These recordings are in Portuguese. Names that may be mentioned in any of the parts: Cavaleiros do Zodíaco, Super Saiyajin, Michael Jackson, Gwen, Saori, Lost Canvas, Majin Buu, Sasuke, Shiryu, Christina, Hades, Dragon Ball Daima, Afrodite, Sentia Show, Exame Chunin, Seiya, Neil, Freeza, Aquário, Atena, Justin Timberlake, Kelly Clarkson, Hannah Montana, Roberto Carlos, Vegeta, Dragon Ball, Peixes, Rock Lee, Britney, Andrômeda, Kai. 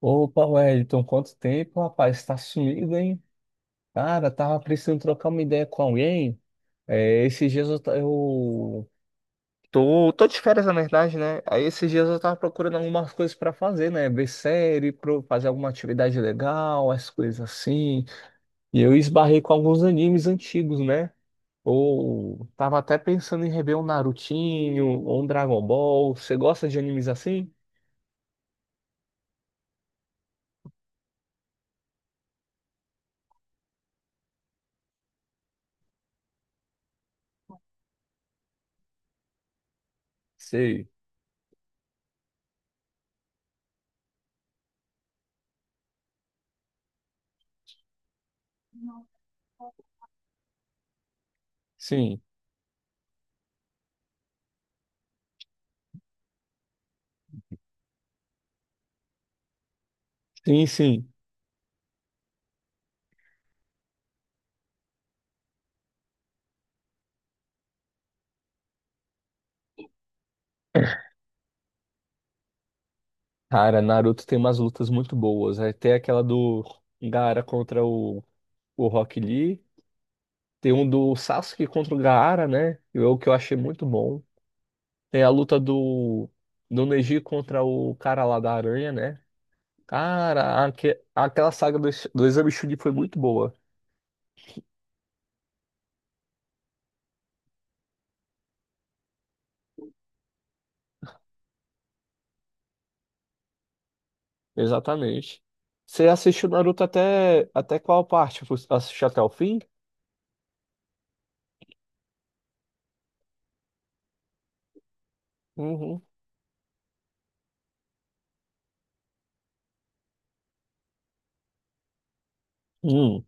Opa, Wellington, quanto tempo, rapaz? Tá sumido, hein? Cara, tava precisando trocar uma ideia com alguém. É, esses dias eu tô de férias, na verdade, né? Aí esses dias eu tava procurando algumas coisas pra fazer, né? Ver série, fazer alguma atividade legal, as coisas assim. E eu esbarrei com alguns animes antigos, né? Ou tava até pensando em rever um Narutinho ou um Dragon Ball. Você gosta de animes assim? Sei. Sim, sim, sim. Cara, Naruto tem umas lutas muito boas. Aí tem aquela do Gaara contra o Rock Lee. Tem um do Sasuke contra o Gaara, né? Que é o que eu achei muito bom. Tem a luta do, do, Neji contra o cara lá da aranha, né? Cara, aquela saga do, do, Exame Chunin foi muito boa. Exatamente. Você assistiu Naruto até qual parte? Você assistiu até o fim? Uhum. Hum,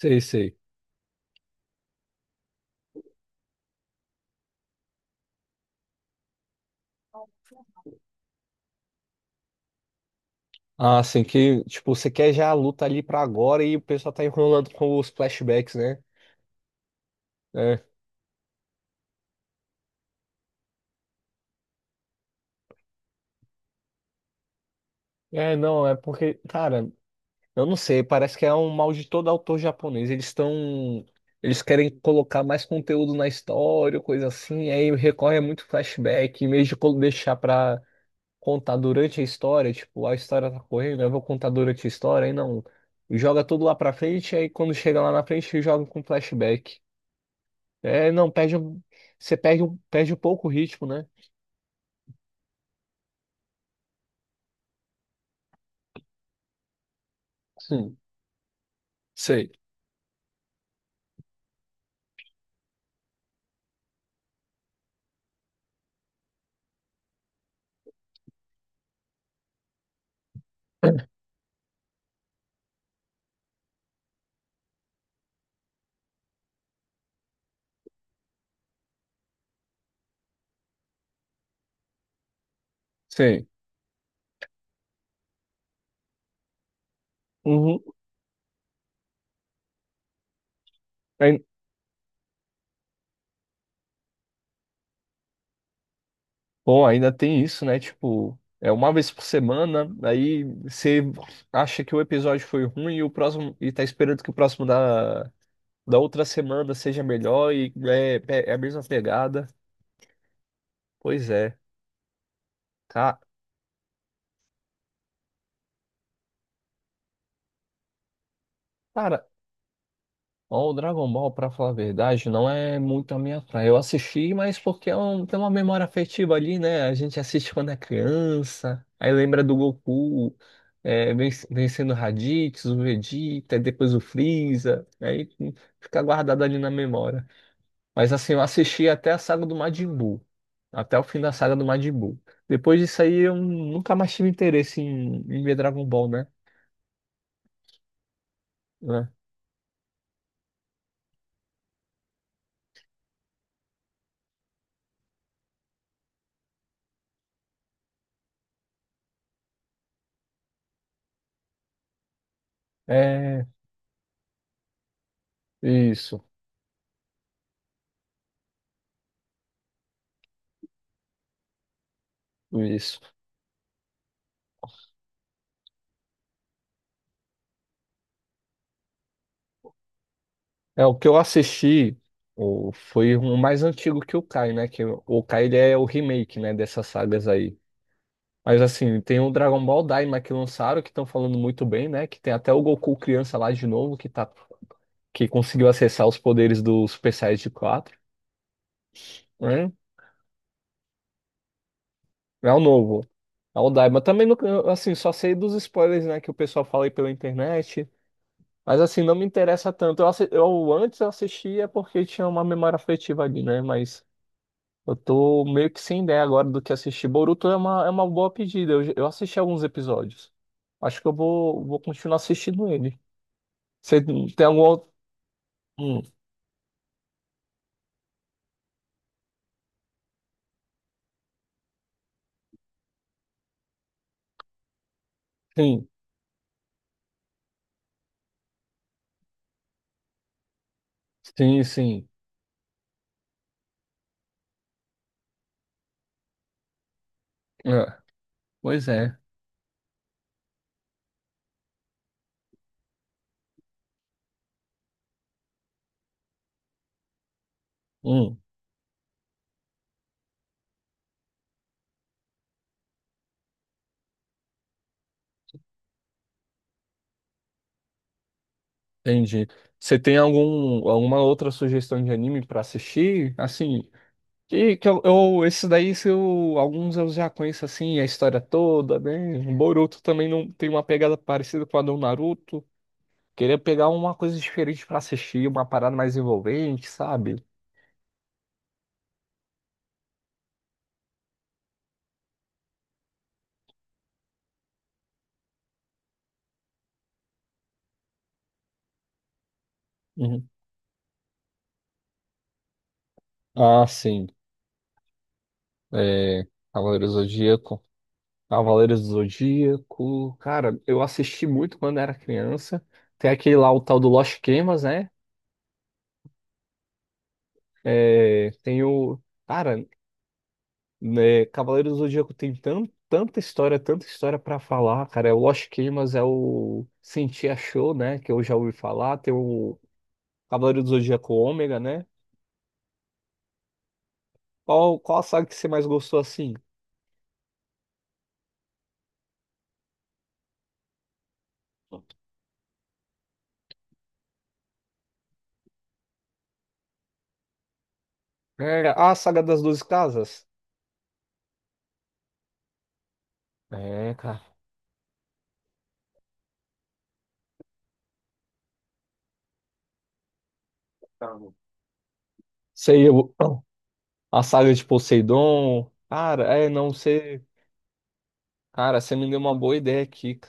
sei, sei. Ah, assim, que, tipo, você quer já a luta ali pra agora e o pessoal tá enrolando com os flashbacks, né? É. É, não, é porque, cara, eu não sei, parece que é um mal de todo autor japonês. Eles estão. Eles querem colocar mais conteúdo na história, coisa assim, aí recorre a muito flashback, em vez de deixar pra contar durante a história, tipo, a história tá correndo, eu vou contar durante a história, aí não. Joga tudo lá pra frente, aí quando chega lá na frente, joga com flashback. É, não, perde um, você perde um pouco o ritmo, né? Sim, sei, sei. Uhum. Aí- Bom, ainda tem isso, né? Tipo, é uma vez por semana, aí você acha que o episódio foi ruim e o próximo e tá esperando que o próximo da, outra semana seja melhor e é a mesma pegada. Pois é. Ca- Cara, ó, o Dragon Ball, pra falar a verdade, não é muito a minha praia. Eu assisti, mas porque é tem uma memória afetiva ali, né? A gente assiste quando é criança, aí lembra do Goku, é, vencendo o Raditz, o Vegeta, e depois o Freeza, aí fica guardado ali na memória. Mas assim, eu assisti até a saga do Majin Buu, até o fim da saga do Majin Buu. Depois disso aí, eu nunca mais tive interesse em ver Dragon Ball, né? Né? É, isso. Isso. É, o que eu assisti foi o mais antigo que o Kai, né? Que o Kai ele é o remake, né, dessas sagas aí. Mas assim, tem o Dragon Ball Daima que lançaram, que estão falando muito bem, né? Que tem até o Goku criança lá de novo, que conseguiu acessar os poderes do Super Saiyajin quatro, né? É o novo. É o Daima. Também, eu, assim, só sei dos spoilers, né, que o pessoal fala aí pela internet. Mas assim, não me interessa tanto. Eu antes eu assistia porque tinha uma memória afetiva ali, né? Mas eu tô meio que sem ideia agora do que assistir. Boruto é uma, boa pedida. Eu assisti alguns episódios. Acho que eu vou continuar assistindo ele. Você tem algum outro? Hum, sim, sim, sim. É, pois é. Hum, entendi. Você tem alguma outra sugestão de anime pra assistir? Assim, que esse daí, se eu- alguns eu já conheço assim, a história toda, né? O Boruto também não tem uma pegada parecida com a do Naruto. Queria pegar uma coisa diferente pra assistir, uma parada mais envolvente, sabe? Uhum. Ah, sim. É, Cavaleiros do Zodíaco. Cavaleiros do Zodíaco. Cara, eu assisti muito quando era criança. Tem aquele lá, o tal do Lost Canvas, né? É, tem o. Cara, né, Cavaleiros do Zodíaco tem tanta história, tanta história pra falar, cara. É o Lost Canvas é o Sentia Show, né? Que eu já ouvi falar. Tem o Cavaleiros do Zodíaco Ômega, né? Qual a saga que você mais gostou assim? É, a saga das 12 casas. É, cara. Tá. Sei, eu, a saga de Poseidon. Cara, é, não sei. Cara, você me deu uma boa ideia aqui.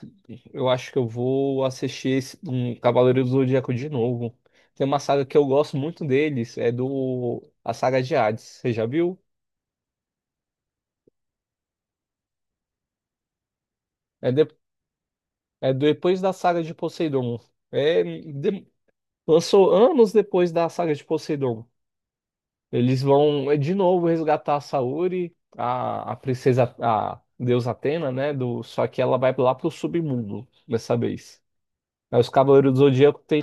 Eu acho que eu vou assistir um Cavaleiro do Zodíaco de novo. Tem uma saga que eu gosto muito deles, é do a saga de Hades. Você já viu? É, é depois da saga de Poseidon. É, lançou anos depois da saga de Poseidon. Eles vão de novo resgatar a Saori, a princesa, a deusa Atena, né? Só que ela vai lá pro submundo dessa vez. Aí os Cavaleiros do Zodíaco tem,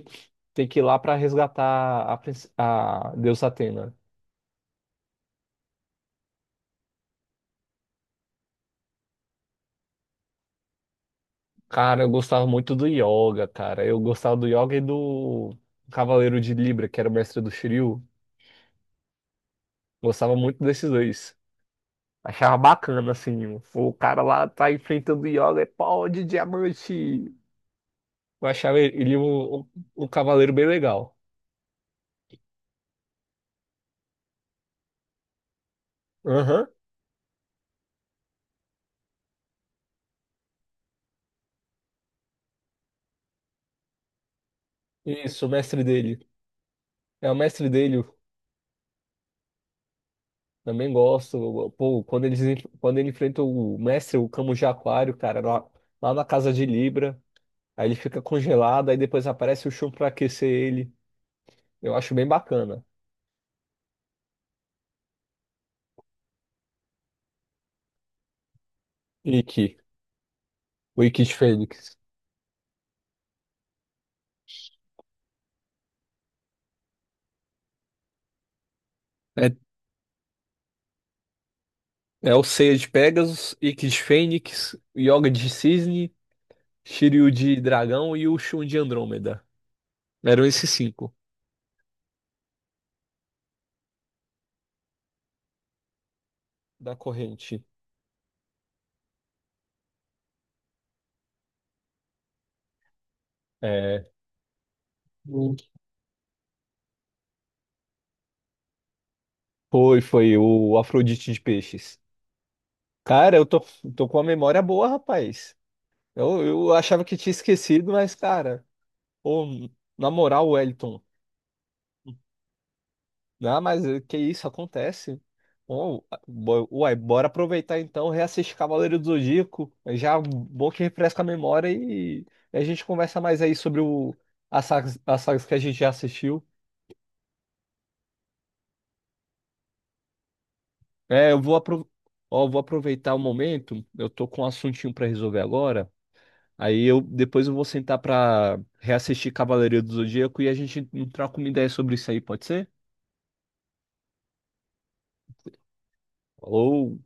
tem que ir lá pra resgatar a deusa Atena. Cara, eu gostava muito do Yoga, cara. Eu gostava do Yoga e do Cavaleiro de Libra, que era o mestre do Shiryu. Gostava muito desses dois. Achava bacana, assim. O cara lá tá enfrentando o Yoga, é pau de diamante. Eu achava ele um, um cavaleiro bem legal. Aham. Isso, o mestre dele. É o mestre dele, também gosto. Pô, quando ele enfrenta o mestre, o Camus de Aquário, cara, lá, na casa de Libra. Aí ele fica congelado, aí depois aparece o Shun pra aquecer ele. Eu acho bem bacana. Ikki, o Ikki de Fênix. É, é, o Seiya de Pegasus, Ikki de Fênix, Yoga de Cisne, Shiryu de Dragão e o Shun de Andrômeda. Eram esses cinco da corrente. Hum. Foi o Afrodite de Peixes. Cara, eu tô, com a memória boa, rapaz. Eu achava que tinha esquecido, mas, cara, ô, na moral, Wellington, ah, mas que isso acontece? Ô, uai, bora aproveitar então, reassistir Cavaleiro do Zodíaco. É já bom que refresca a memória e a gente conversa mais aí sobre as sagas, que a gente já assistiu. É, eu vou, apro ó, eu vou aproveitar o momento, eu tô com um assuntinho pra resolver agora. Aí eu depois eu vou sentar pra reassistir Cavaleiro do Zodíaco e a gente troca uma ideia sobre isso aí, pode ser? Falou!